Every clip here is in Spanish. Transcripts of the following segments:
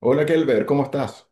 Hola Kelber, ¿cómo estás?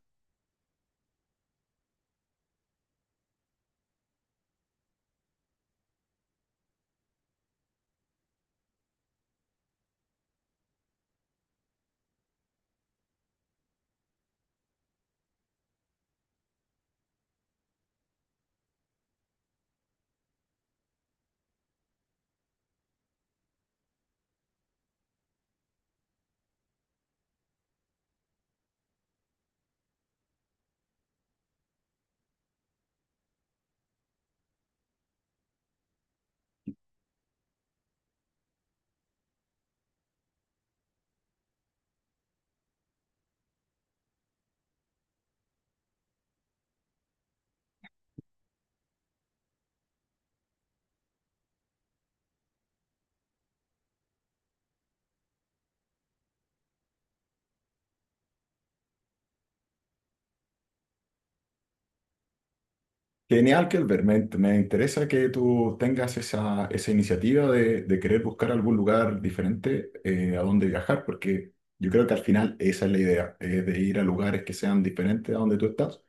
Genial Kelber, me interesa que tú tengas esa iniciativa de querer buscar algún lugar diferente a donde viajar, porque yo creo que al final esa es la idea, de ir a lugares que sean diferentes a donde tú estás.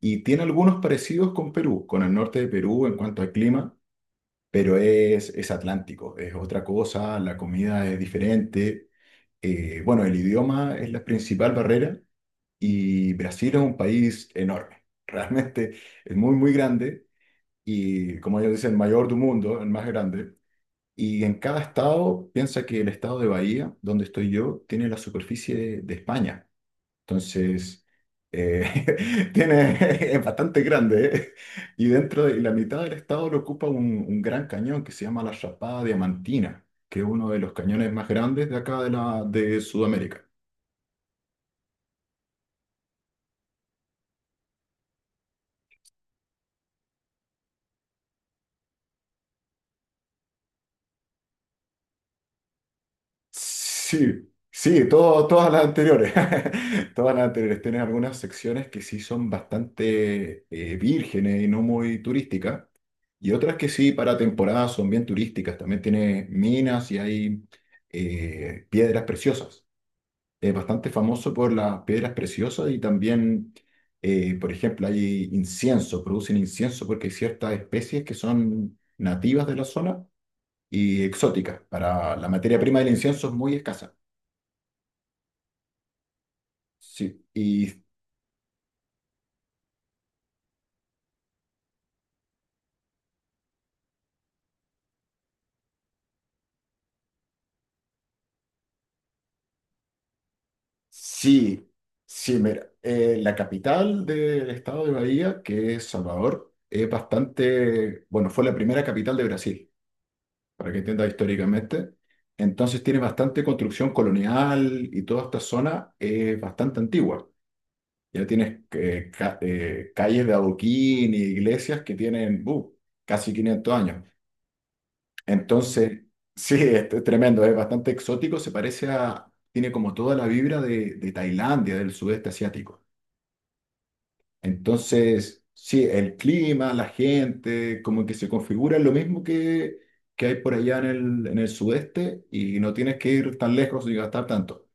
Y tiene algunos parecidos con Perú, con el norte de Perú en cuanto al clima, pero es atlántico, es otra cosa, la comida es diferente, bueno, el idioma es la principal barrera. Y Brasil es un país enorme, realmente es muy, muy grande y, como ellos dicen, el mayor del mundo, el más grande. Y en cada estado, piensa que el estado de Bahía, donde estoy yo, tiene la superficie de España. Entonces, tiene, es bastante grande, ¿eh? Y dentro de y la mitad del estado lo ocupa un gran cañón que se llama la Chapada Diamantina, que es uno de los cañones más grandes de acá de, la, de Sudamérica. Sí, sí, todas las anteriores. Todas las anteriores. Tienen algunas secciones que sí son bastante vírgenes y no muy turísticas. Y otras que sí, para temporada, son bien turísticas. También tiene minas y hay piedras preciosas. Es bastante famoso por las piedras preciosas y también, por ejemplo, hay incienso, producen incienso porque hay ciertas especies que son nativas de la zona y exóticas. Para la materia prima del incienso es muy escasa. Sí, y sí, sí, mira, la capital del estado de Bahía, que es Salvador, es bastante, bueno, fue la primera capital de Brasil, para que entiendas históricamente. Entonces tiene bastante construcción colonial y toda esta zona es bastante antigua. Ya tienes calles de adoquín y iglesias que tienen casi 500 años. Entonces, sí, es tremendo, es bastante exótico, se parece a, tiene como toda la vibra de Tailandia, del sudeste asiático. Entonces, sí, el clima, la gente, como que se configura lo mismo que hay por allá en el sudeste y no tienes que ir tan lejos ni gastar tanto.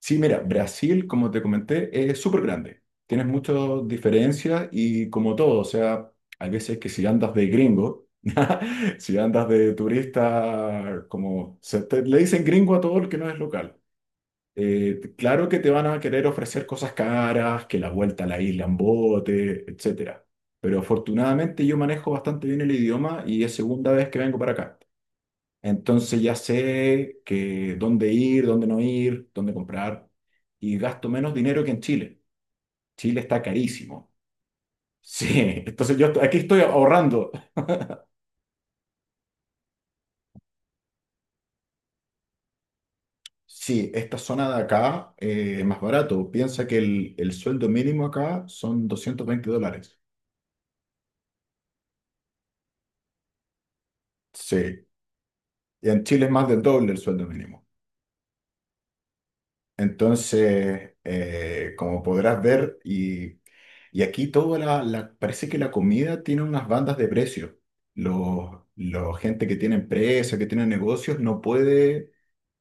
Sí, mira, Brasil, como te comenté, es súper grande. Tienes muchas diferencias y como todo, o sea, hay veces que si andas de gringo, si andas de turista, como le dicen gringo a todo el que no es local. Claro que te van a querer ofrecer cosas caras, que la vuelta a la isla en bote, etcétera. Pero afortunadamente yo manejo bastante bien el idioma y es segunda vez que vengo para acá. Entonces ya sé que dónde ir, dónde no ir, dónde comprar y gasto menos dinero que en Chile. Chile está carísimo. Sí, entonces yo estoy- aquí estoy ahorrando. Sí, esta zona de acá es más barato. Piensa que el sueldo mínimo acá son $220. Sí, y en Chile es más del doble el sueldo mínimo. Entonces, como podrás ver, y aquí toda la parece que la comida tiene unas bandas de precios. Los gente que tiene empresa, que tiene negocios, no puede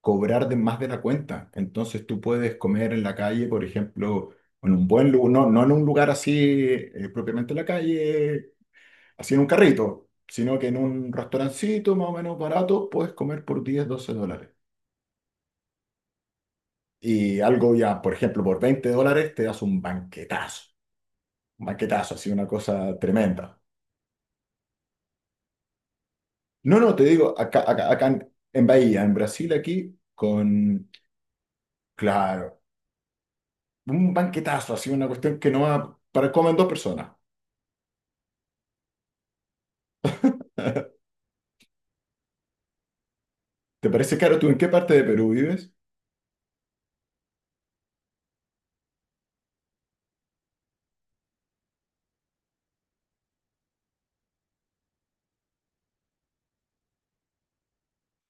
cobrar de más de la cuenta. Entonces tú puedes comer en la calle, por ejemplo, en un buen lugar, no, no en un lugar así propiamente en la calle, así en un carrito, sino que en un restaurancito más o menos barato, puedes comer por 10 12 dólares. Y algo ya, por ejemplo, por $20 te das un banquetazo, así una cosa tremenda. No, no, te digo, acá en Bahía, en Brasil, aquí, con, claro, un banquetazo, así una cuestión que no va para comer dos personas. ¿Te parece caro tú en qué parte de Perú vives?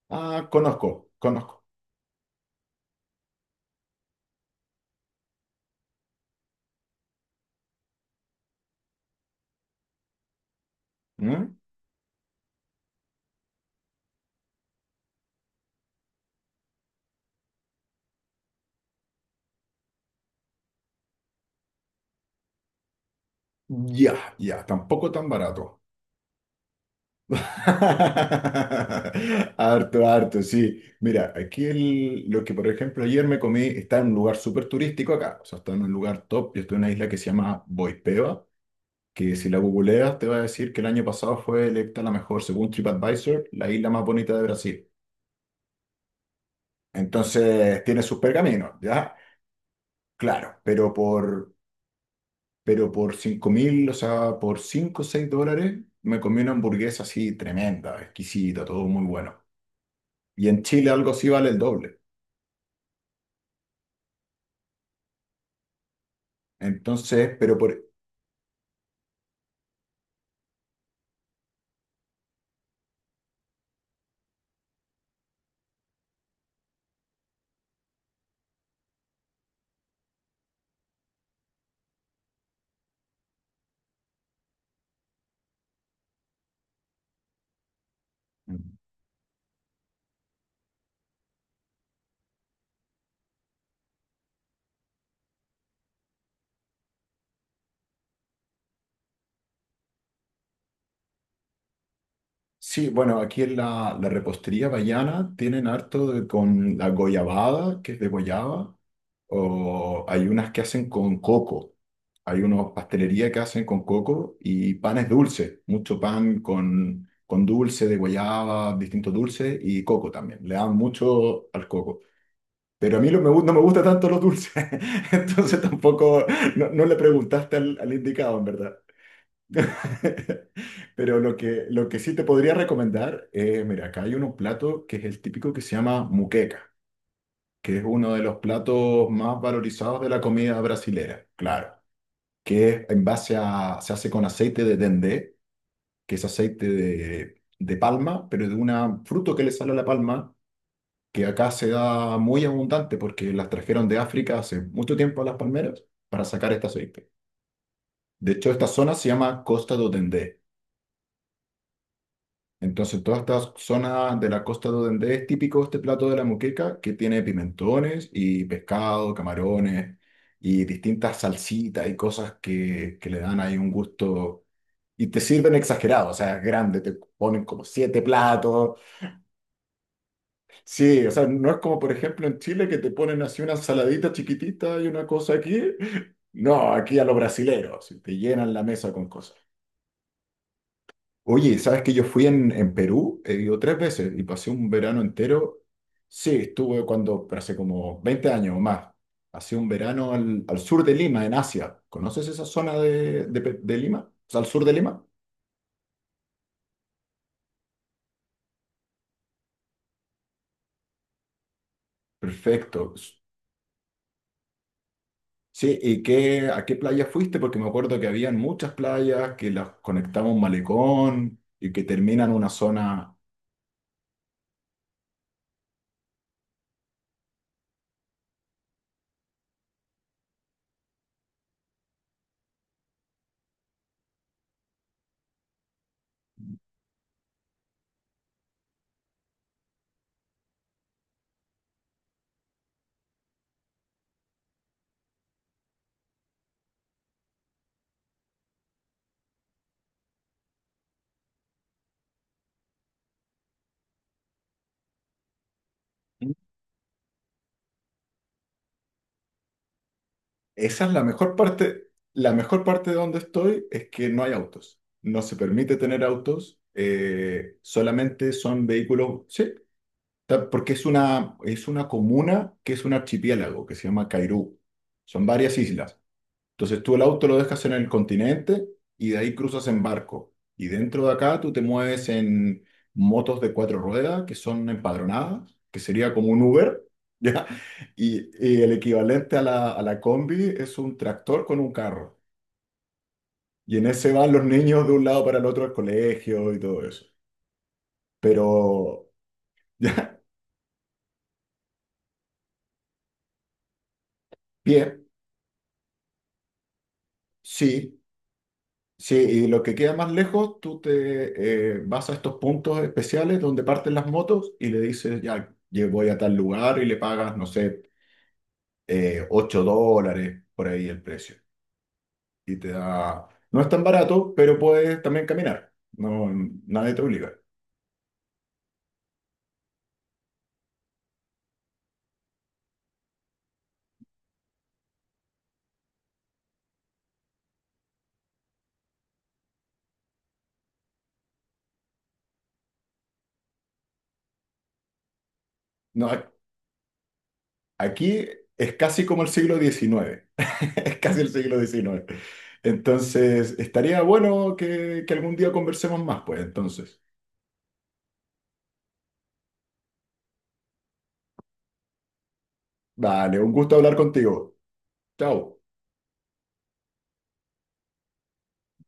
Ah, conozco, conozco. ¿Mm? Ya, ya, tampoco tan barato. Harto, harto, sí. Mira, aquí lo que por ejemplo ayer me comí está en un lugar súper turístico acá, o sea, está en un lugar top. Yo estoy en una isla que se llama Boipeba, que si la googleas te va a decir que el año pasado fue electa la mejor, según TripAdvisor, la isla más bonita de Brasil. Entonces tiene sus pergaminos, ¿ya? Claro, pero por 5 mil, o sea, por 5 o 6 dólares me comí una hamburguesa así tremenda, exquisita, todo muy bueno. Y en Chile algo así vale el doble. Entonces, pero por... Sí, bueno, aquí en la repostería vallana tienen harto de- con la goyabada, que es de guayaba, o hay unas que hacen con coco. Hay unos pastelería que hacen con coco y panes dulces, mucho pan con dulce de guayaba, distintos dulces y coco también. Le dan mucho al coco. Pero a mí no me gusta tanto los dulces, entonces tampoco, no, no le preguntaste al indicado, en verdad. Pero lo que sí te podría recomendar, mira, acá hay un plato que es el típico que se llama muqueca, que es uno de los platos más valorizados de la comida brasilera, claro, que es en base a, se hace con aceite de dendé, que es aceite de palma, pero de un fruto que le sale a la palma, que acá se da muy abundante porque las trajeron de África hace mucho tiempo a las palmeras para sacar este aceite. De hecho, esta zona se llama Costa do Dendé. Entonces, toda esta zona de la costa de donde es típico este plato de la moqueca, que tiene pimentones y pescado, camarones y distintas salsitas y cosas que le dan ahí un gusto. Y te sirven exagerado, o sea, grande, te ponen como siete platos. Sí, o sea, no es como por ejemplo en Chile que te ponen así una ensaladita chiquitita y una cosa aquí. No, aquí a los brasileros, te llenan la mesa con cosas. Oye, ¿sabes que yo fui en Perú? He ido tres veces y pasé un verano entero. Sí, estuve cuando, pero hace como 20 años o más. Pasé un verano al sur de Lima, en Asia. ¿Conoces esa zona de de Lima? O sea, al sur de Lima. Perfecto. Sí, ¿y qué, a qué playa fuiste? Porque me acuerdo que habían muchas playas que las conectaba un malecón y que terminan en una zona. Esa es la mejor parte. La mejor parte de donde estoy es que no hay autos. No se permite tener autos. Eh, solamente son vehículos. Sí, ta- porque es una comuna que es un archipiélago que se llama Cairú. Son varias islas. Entonces tú el auto lo dejas en el continente y de ahí cruzas en barco. Y dentro de acá tú te mueves en motos de cuatro ruedas que son empadronadas, que sería como un Uber, ¿ya? Y el equivalente a la combi es un tractor con un carro. Y en ese van los niños de un lado para el otro al colegio y todo eso. Pero, ¿ya? Bien, sí, sí, y lo que queda más lejos, tú te vas a estos puntos especiales donde parten las motos y le dices, ya, yo voy a tal lugar y le pagas, no sé, $8 por ahí el precio. Y te da, no es tan barato, pero puedes también caminar. No, nadie te obliga. No, aquí es casi como el siglo XIX, es casi el siglo XIX. Entonces, estaría bueno que algún día conversemos más, pues entonces. Vale, un gusto hablar contigo. Chao.